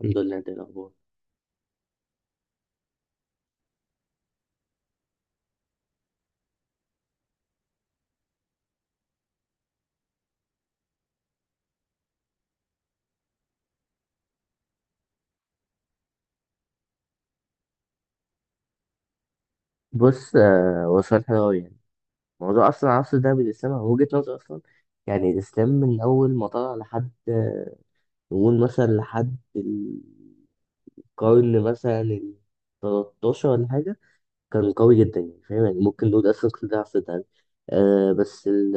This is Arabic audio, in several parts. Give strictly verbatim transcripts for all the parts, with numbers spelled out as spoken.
الحمد لله، انت ايه الاخبار؟ بص آه، هو سؤال حلو أوي. يعني موضوع أصلا عصر الذهبي للإسلام هو وجهة نظر أصلا. يعني الإسلام من أول ما طلع لحد آه، نقول مثلا لحد القرن مثلا ال تلتاشر ولا حاجة، كان قوي جدا، يعني فاهم، يعني ممكن نقول اصلا كل ده عفت يعني. آه بس ال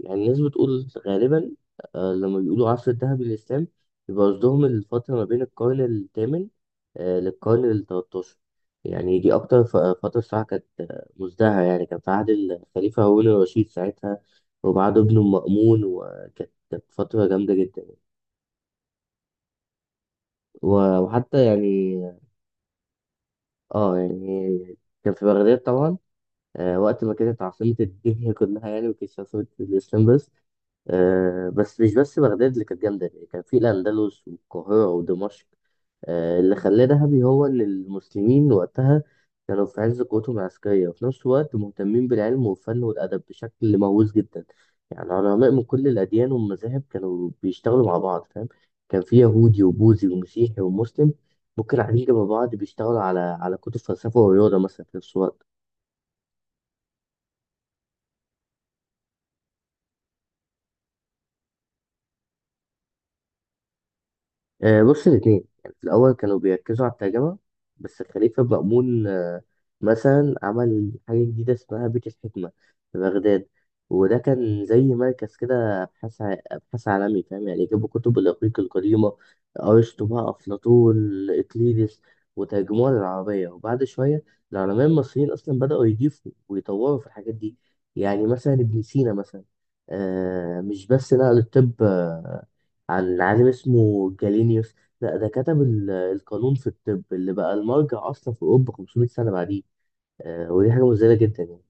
يعني الناس بتقول غالبا آه لما بيقولوا عصر الذهبي للإسلام يبقى قصدهم الفترة ما بين القرن الثامن آه للقرن التلتاشر. يعني دي أكتر ف- فترة الصراحة كانت آه، مزدهرة، يعني كان في عهد الخليفة هارون الرشيد ساعتها وبعد ابنه المأمون، وكانت كانت فترة جامدة جدا. و- وحتى يعني اه، يعني كان في بغداد طبعا، آه، وقت ما كانت عاصمة الدنيا كلها، يعني ما كانتش عاصمة الإسلام بس. آه، بس مش بس بغداد اللي كانت جامدة، يعني كان في الأندلس والقاهرة ودمشق. آه، اللي خلاه ذهبي هو إن المسلمين وقتها كانوا في عز قوتهم العسكرية، وفي نفس الوقت مهتمين بالعلم والفن والأدب بشكل مهووس جدا. يعني علماء من كل الأديان والمذاهب كانوا بيشتغلوا مع بعض، فاهم؟ كان في يهودي وبوذي ومسيحي ومسلم ممكن قاعدين جنب بعض بيشتغلوا على على كتب فلسفة ورياضة مثلا في نفس الوقت. آه، بص، الاثنين. يعني في الأول كانوا بيركزوا على الترجمة، بس الخليفة مأمون آه، مثلا عمل حاجة جديدة اسمها بيت الحكمة في بغداد، وده كان زي مركز كده أبحاث ع- أبحاث عالمي، فاهم؟ يعني جابوا كتب الإغريق القديمة، أرسطو بقى، أفلاطون، إقليدس، وترجموها للعربية. وبعد شوية العلماء المصريين أصلا بدأوا يضيفوا ويطوروا في الحاجات دي. يعني مثلا ابن سينا مثلا، آه، مش بس نقل الطب آه، عن عالم اسمه جالينيوس، لا ده كتب ال- القانون في الطب اللي بقى المرجع اصلا في اوروبا خمسمائة سنه بعديه. آه ودي حاجه مذهله جدا يعني.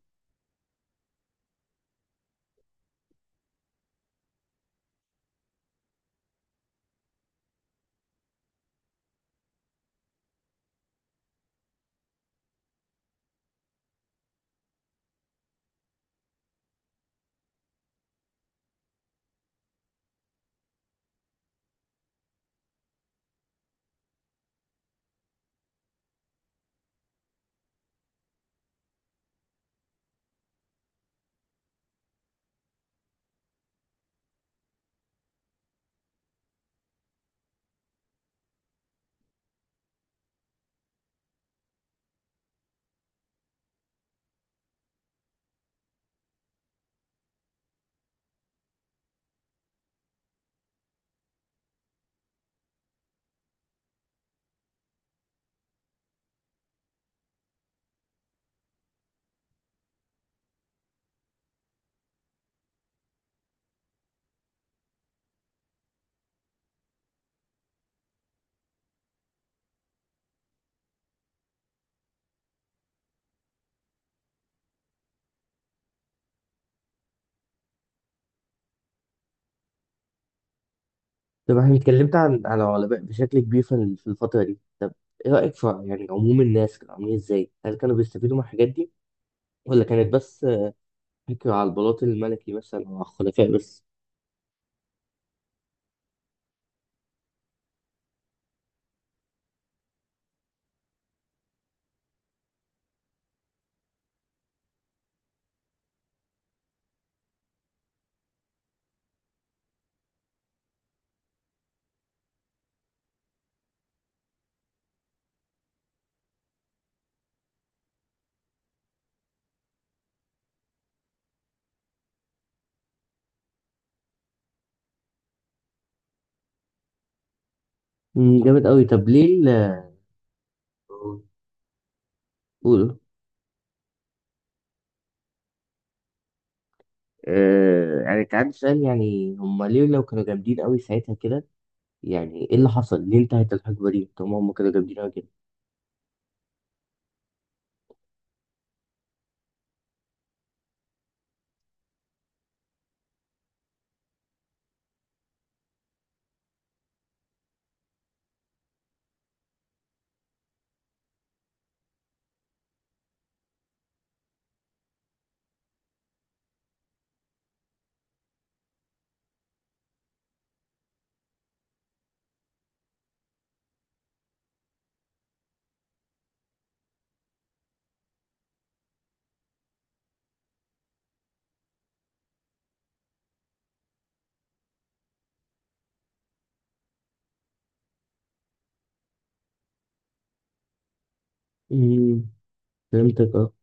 طب احنا اتكلمت عن عن العلماء بشكل كبير في ال- في الفتره دي. طب ايه رايك في يعني عموم الناس، كانوا عاملين ازاي؟ هل كانوا بيستفيدوا من الحاجات دي ولا كانت بس آه، فكره على البلاط الملكي مثلا او على الخلفاء بس؟ مم، جامد قوي. طب ليه ال- قولوا. آه يعني كان عندي سؤال، يعني هم ليه لو كانوا جامدين قوي ساعتها كده، يعني ايه اللي حصل؟ ليه انتهت الحقبه دي؟ طب ما هم كانوا جامدين أوي كده. امم فهمتك، اه.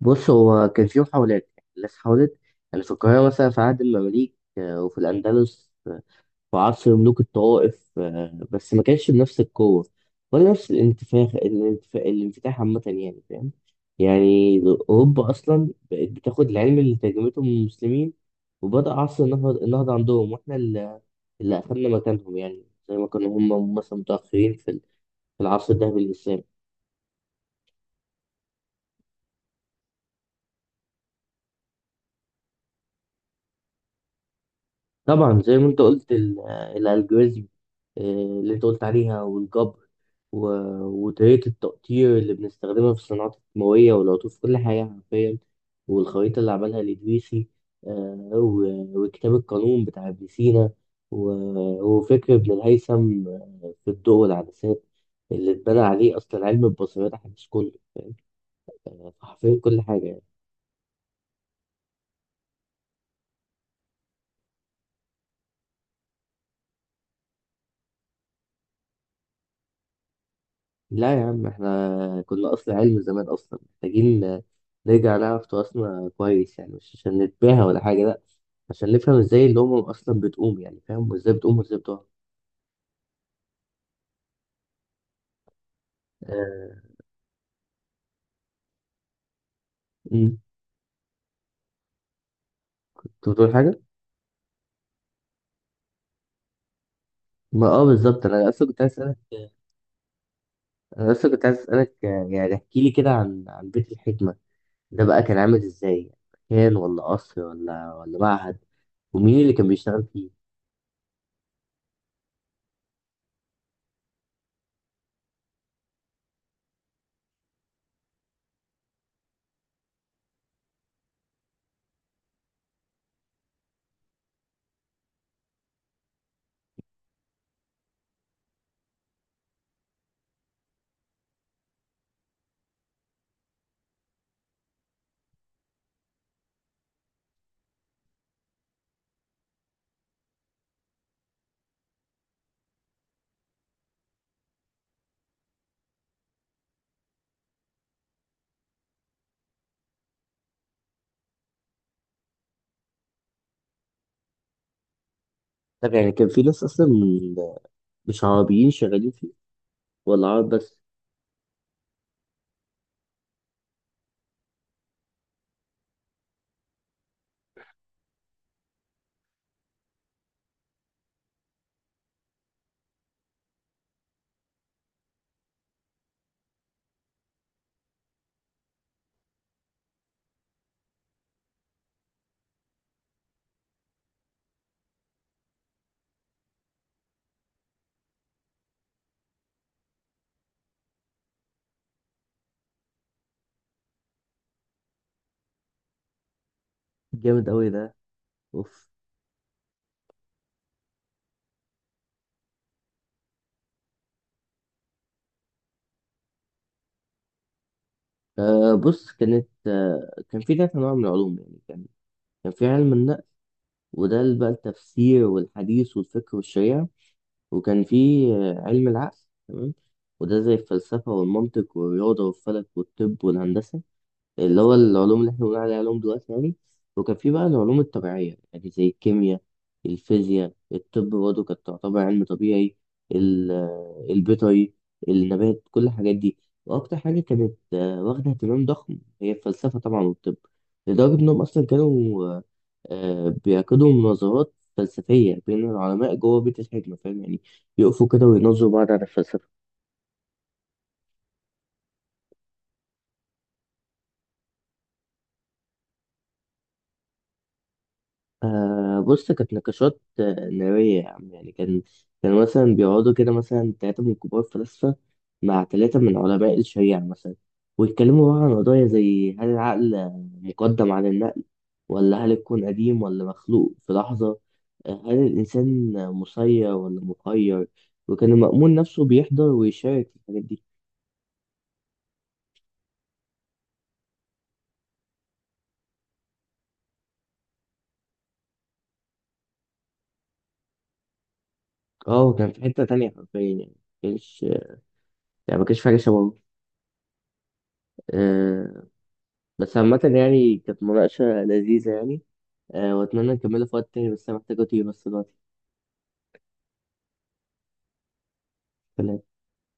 بص هو كان في محاولات، يعني الناس حاولت. يعني في القاهره مثلا في عهد المماليك آه، وفي الاندلس آه، في عصر ملوك الطوائف، آه، بس ما كانش بنفس القوه ولا نفس الانتفاخ الانتفاخ الانفتاح عامه يعني، فاهم؟ يعني اوروبا اصلا بقت بتاخد العلم اللي ترجمته من المسلمين، وبدأ عصر النهضه النهضة عندهم، واحنا اللي اللي أخدنا مكانهم. يعني زي ما كانوا هم مثلا متأخرين في في العصر الذهبي للإسلام. طبعا زي ما انت قلت ال- الالجوريزم، آه، اللي انت قلت عليها، والجبر، و- وطريقة التقطير اللي بنستخدمها في الصناعات الكيماوية والعطور في كل حاجة حرفيا، والخريطة اللي عملها الإدريسي، آه، و- وكتاب القانون بتاع ابن سينا، و- وفكر ابن الهيثم آه، في الضوء والعدسات اللي اتبنى عليه أصلا علم البصريات الحديث كله. آه، حرفيا كل حاجة. لا يا عم، احنا كنا اصل علم زمان. اصلا محتاجين نرجع نعرف تراثنا كويس، يعني مش عشان نتباهى ولا حاجه، لا، عشان نفهم ازاي الامم اصلا بتقوم، يعني فاهم، وازاي بتقوم وازاي بتقع. آه، أمم. كنت بتقول حاجه. ما اه بالظبط، انا اصلا كنت عايز اسالك انا اصلا كنت عايز اسالك، آه، يعني احكي لي كده عن عن بيت الحكمه ده بقى، كان عامل ازاي؟ مكان ولا قصر ولا ولا معهد؟ ومين اللي كان بيشتغل فيه؟ طب يعني كان في ناس اصلا من- مش عربيين شغالين فيه ولا عرب بس؟ جامد قوي ده، اوف. آه بص، كانت آه كان في ثلاث انواع من العلوم. يعني كان كان في علم النقل، وده اللي بقى التفسير والحديث والفكر والشريعة. وكان في آه علم العقل، تمام، وده زي الفلسفة والمنطق والرياضة والفلك والطب والهندسة، اللي هو العلوم اللي احنا بنقول عليها علوم دلوقتي يعني. وكان في بقى العلوم الطبيعية، يعني زي الكيمياء، الفيزياء، الطب برضه كانت تعتبر علم طبيعي، ال- آه، البيطري، النبات، كل الحاجات دي. وأكتر حاجة كانت آه، واخدة اهتمام ضخم هي الفلسفة طبعا والطب، لدرجة إنهم أصلا كانوا آه، آه، بيعقدوا مناظرات فلسفية بين العلماء جوه بيت الحكمة، فاهم؟ يعني يقفوا كده ويناظروا بعض على الفلسفة. آه بص، كانت نقاشات آه، نارية يا عم. يعني كان كان مثلا بيقعدوا كده مثلا تلاتة من كبار فلاسفة مع تلاتة من علماء الشريعة مثلا، ويتكلموا بقى عن قضايا زي هل العقل مقدم على النقل، ولا هل الكون قديم ولا مخلوق في لحظة، آه، هل الإنسان مسير ولا مخير. وكان المأمون نفسه بيحضر ويشارك في الحاجات دي. اه كان في حتة تانية حرفيا يعني، مكانش يعني مكانش في حاجة شبهه آه. بس عامة يعني كانت مناقشة لذيذة يعني، آه، واتمنى نكملها في وقت تاني، بس انا محتاج اطير بس دلوقتي. سلام.